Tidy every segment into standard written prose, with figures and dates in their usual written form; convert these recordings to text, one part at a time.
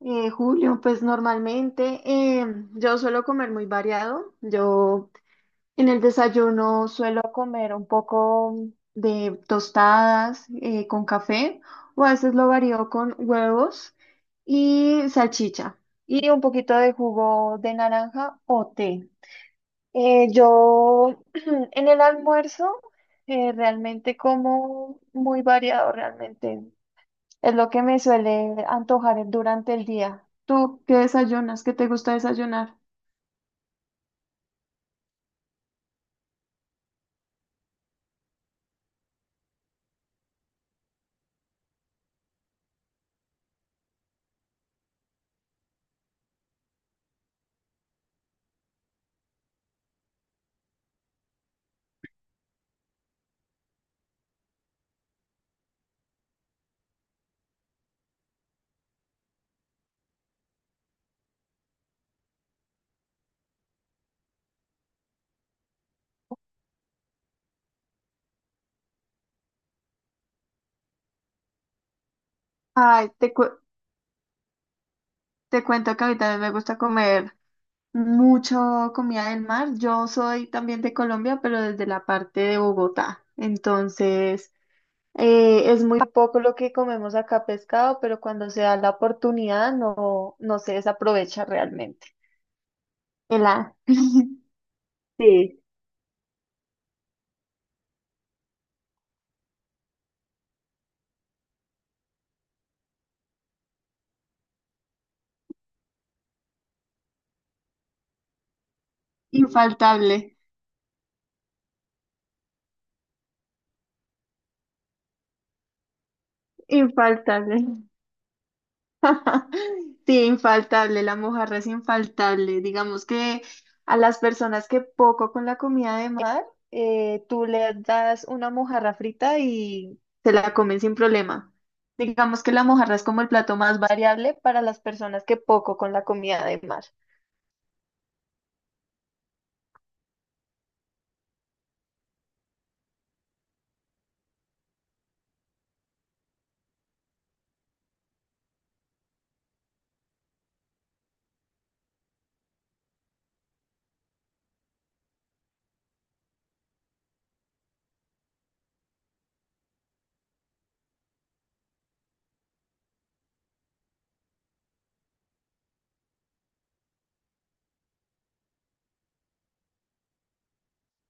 Julio, pues normalmente eh, yo suelo comer muy variado. Yo en el desayuno suelo comer un poco de tostadas con café, o a veces lo varío con huevos y salchicha y un poquito de jugo de naranja o té. Yo en el almuerzo realmente como muy variado realmente. Es lo que me suele antojar durante el día. ¿Tú qué desayunas? ¿Qué te gusta desayunar? Ay, te cuento que a mí también me gusta comer mucho comida del mar. Yo soy también de Colombia, pero desde la parte de Bogotá. Entonces, es muy poco lo que comemos acá pescado, pero cuando se da la oportunidad no se desaprovecha realmente. El a- Sí. Infaltable, infaltable. Sí, infaltable, la mojarra es infaltable. Digamos que a las personas que poco con la comida de mar, tú le das una mojarra frita y se la comen sin problema. Digamos que la mojarra es como el plato más variable para las personas que poco con la comida de mar.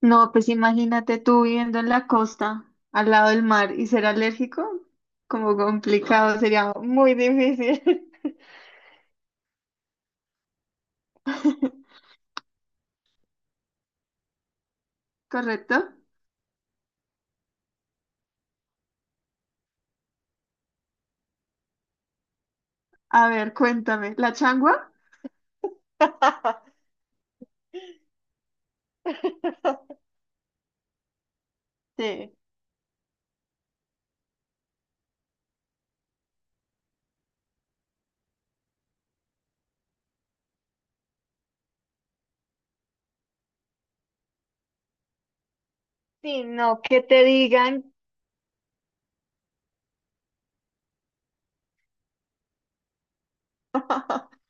No, pues imagínate tú viviendo en la costa, al lado del mar, y ser alérgico, como complicado, sería muy difícil. ¿Correcto? A ver, cuéntame, ¿la changua? Sí, sí, no, que te digan,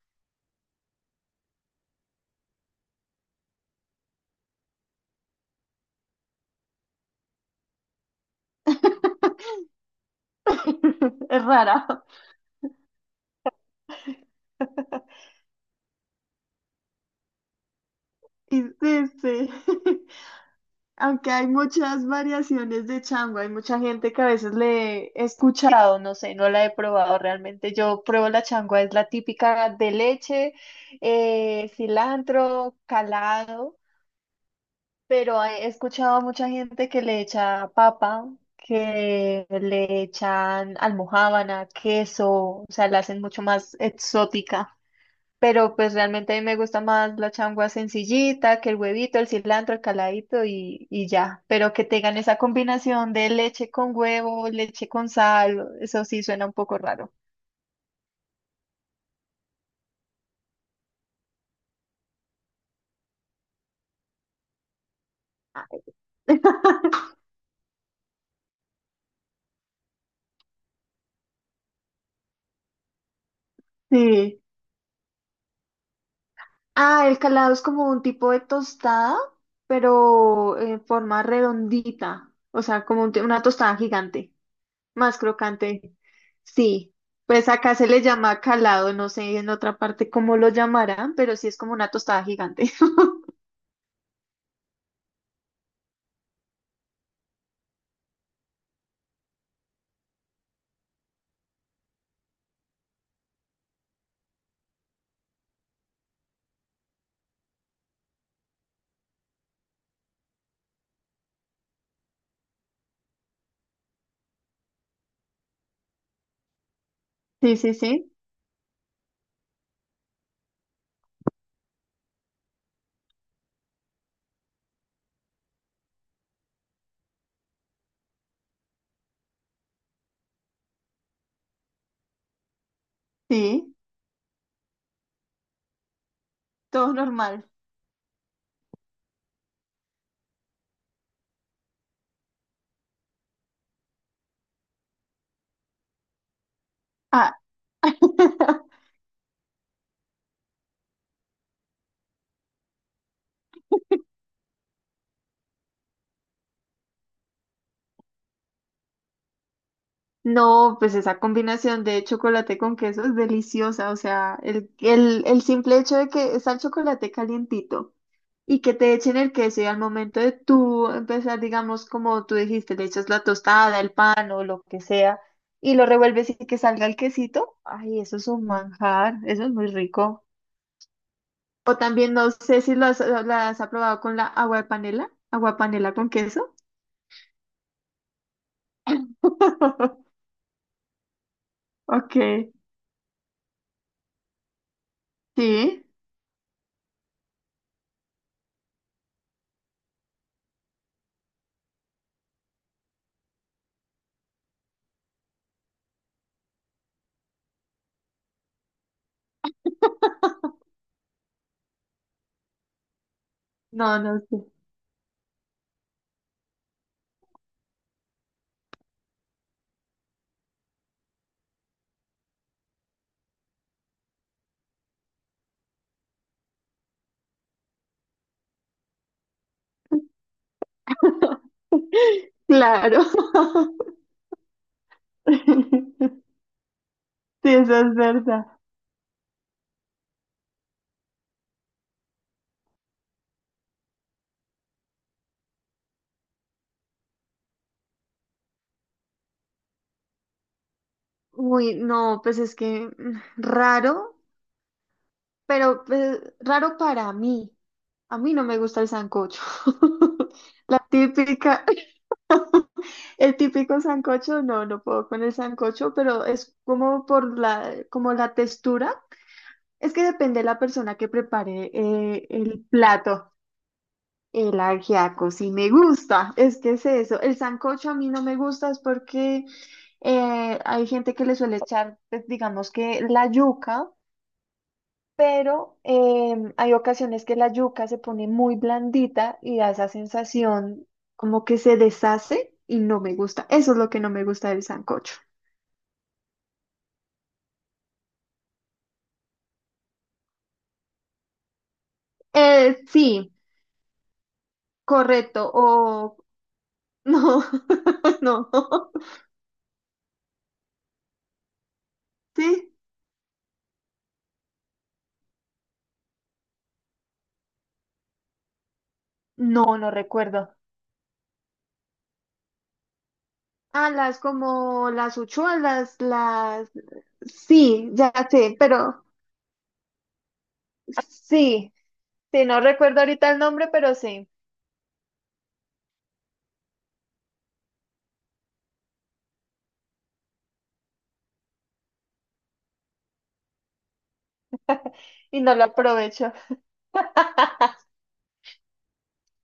es rara. Sí, sí. Aunque hay muchas variaciones de chango, hay mucha gente que a veces le he escuchado, no sé, no la he probado realmente. Yo pruebo la changua, es la típica de leche, cilantro, calado. Pero he escuchado a mucha gente que le echa papa, que le echan almojábana, queso, o sea, la hacen mucho más exótica. Pero pues realmente a mí me gusta más la changua sencillita, que el huevito, el cilantro, el caladito, y ya. Pero que tengan esa combinación de leche con huevo, leche con sal, eso sí suena un poco raro. Sí. Ah, el calado es como un tipo de tostada, pero en forma redondita, o sea, como un una tostada gigante, más crocante. Sí, pues acá se le llama calado, no sé en otra parte cómo lo llamarán, pero sí es como una tostada gigante. Sí, sí, sí, sí, todo normal. Ah. No, pues esa combinación de chocolate con queso es deliciosa. O sea, el simple hecho de que está el chocolate calientito y que te echen el queso, y al momento de tú empezar, digamos, como tú dijiste, le echas la tostada, el pan o lo que sea, y lo revuelves y que salga el quesito, ay, eso es un manjar, eso es muy rico. O también no sé si lo has probado con la agua de panela con queso. Ok, sí, no, no sé. Claro. Sí, eso es verdad. Uy, no, pues es que raro, pero pues, raro para mí. A mí no me gusta el sancocho. La típica, el típico sancocho, no, no puedo con el sancocho, pero es como por la, como la textura. Es que depende de la persona que prepare el plato. El ajiaco sí me gusta, es que es eso. El sancocho a mí no me gusta es porque hay gente que le suele echar, pues, digamos que la yuca, pero hay ocasiones que la yuca se pone muy blandita y da esa sensación como que se deshace y no me gusta. Eso es lo que no me gusta del sancocho. Sí, correcto. O no, no, sí, no, no recuerdo. Ah, las como las uchuelas, las... Sí, ya sé, pero sí, sí, no recuerdo ahorita el nombre, pero sí, y no lo aprovecho.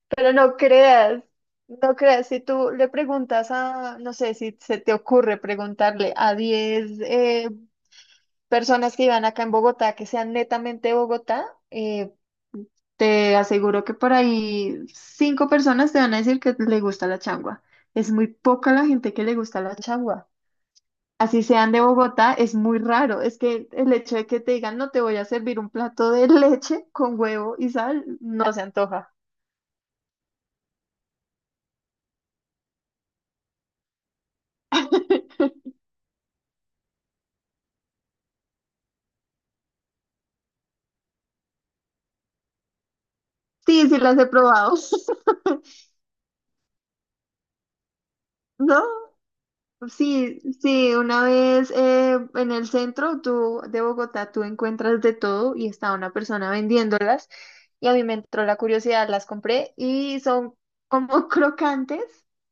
Pero no creas, no creas, si tú le preguntas a, no sé, si se te ocurre preguntarle a 10 personas que iban acá en Bogotá, que sean netamente de Bogotá, eh, te aseguro que por ahí cinco personas te van a decir que le gusta la changua. Es muy poca la gente que le gusta la changua. Así sean de Bogotá, es muy raro. Es que el hecho de que te digan, no te voy a servir un plato de leche con huevo y sal, no se antoja. Sí, sí las he probado. No, sí, sí, una vez en el centro, tú, de Bogotá tú encuentras de todo, y estaba una persona vendiéndolas y a mí me entró la curiosidad, las compré, y son como crocantes.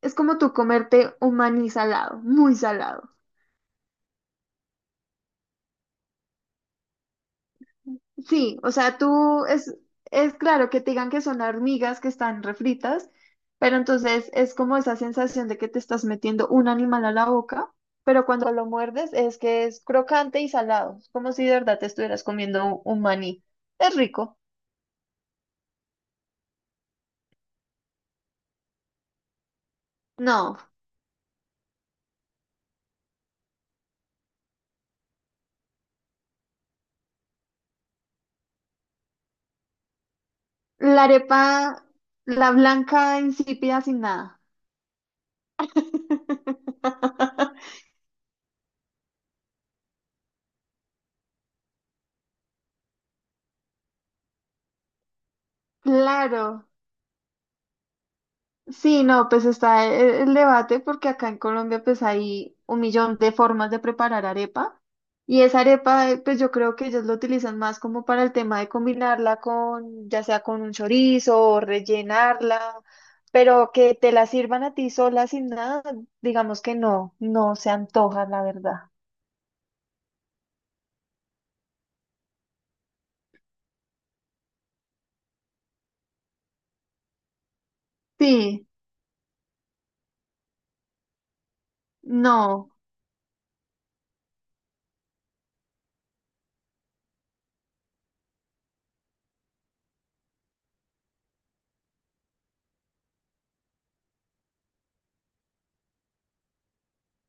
Es como tú comerte un maní salado, muy salado. Sí, o sea, es claro que te digan que son hormigas que están refritas, pero entonces es como esa sensación de que te estás metiendo un animal a la boca, pero cuando lo muerdes es que es crocante y salado, es como si de verdad te estuvieras comiendo un maní. Es rico. No, la arepa, la blanca, insípida, sin nada. Claro. Sí, no, pues está el debate, porque acá en Colombia pues hay un millón de formas de preparar arepa, y esa arepa pues yo creo que ellos lo utilizan más como para el tema de combinarla con, ya sea con un chorizo, o rellenarla, pero que te la sirvan a ti sola sin nada, digamos que no, no se antoja la verdad. Sí, no,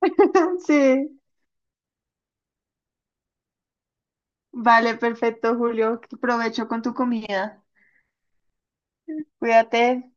sí, vale, perfecto Julio, provecho con tu comida, cuídate.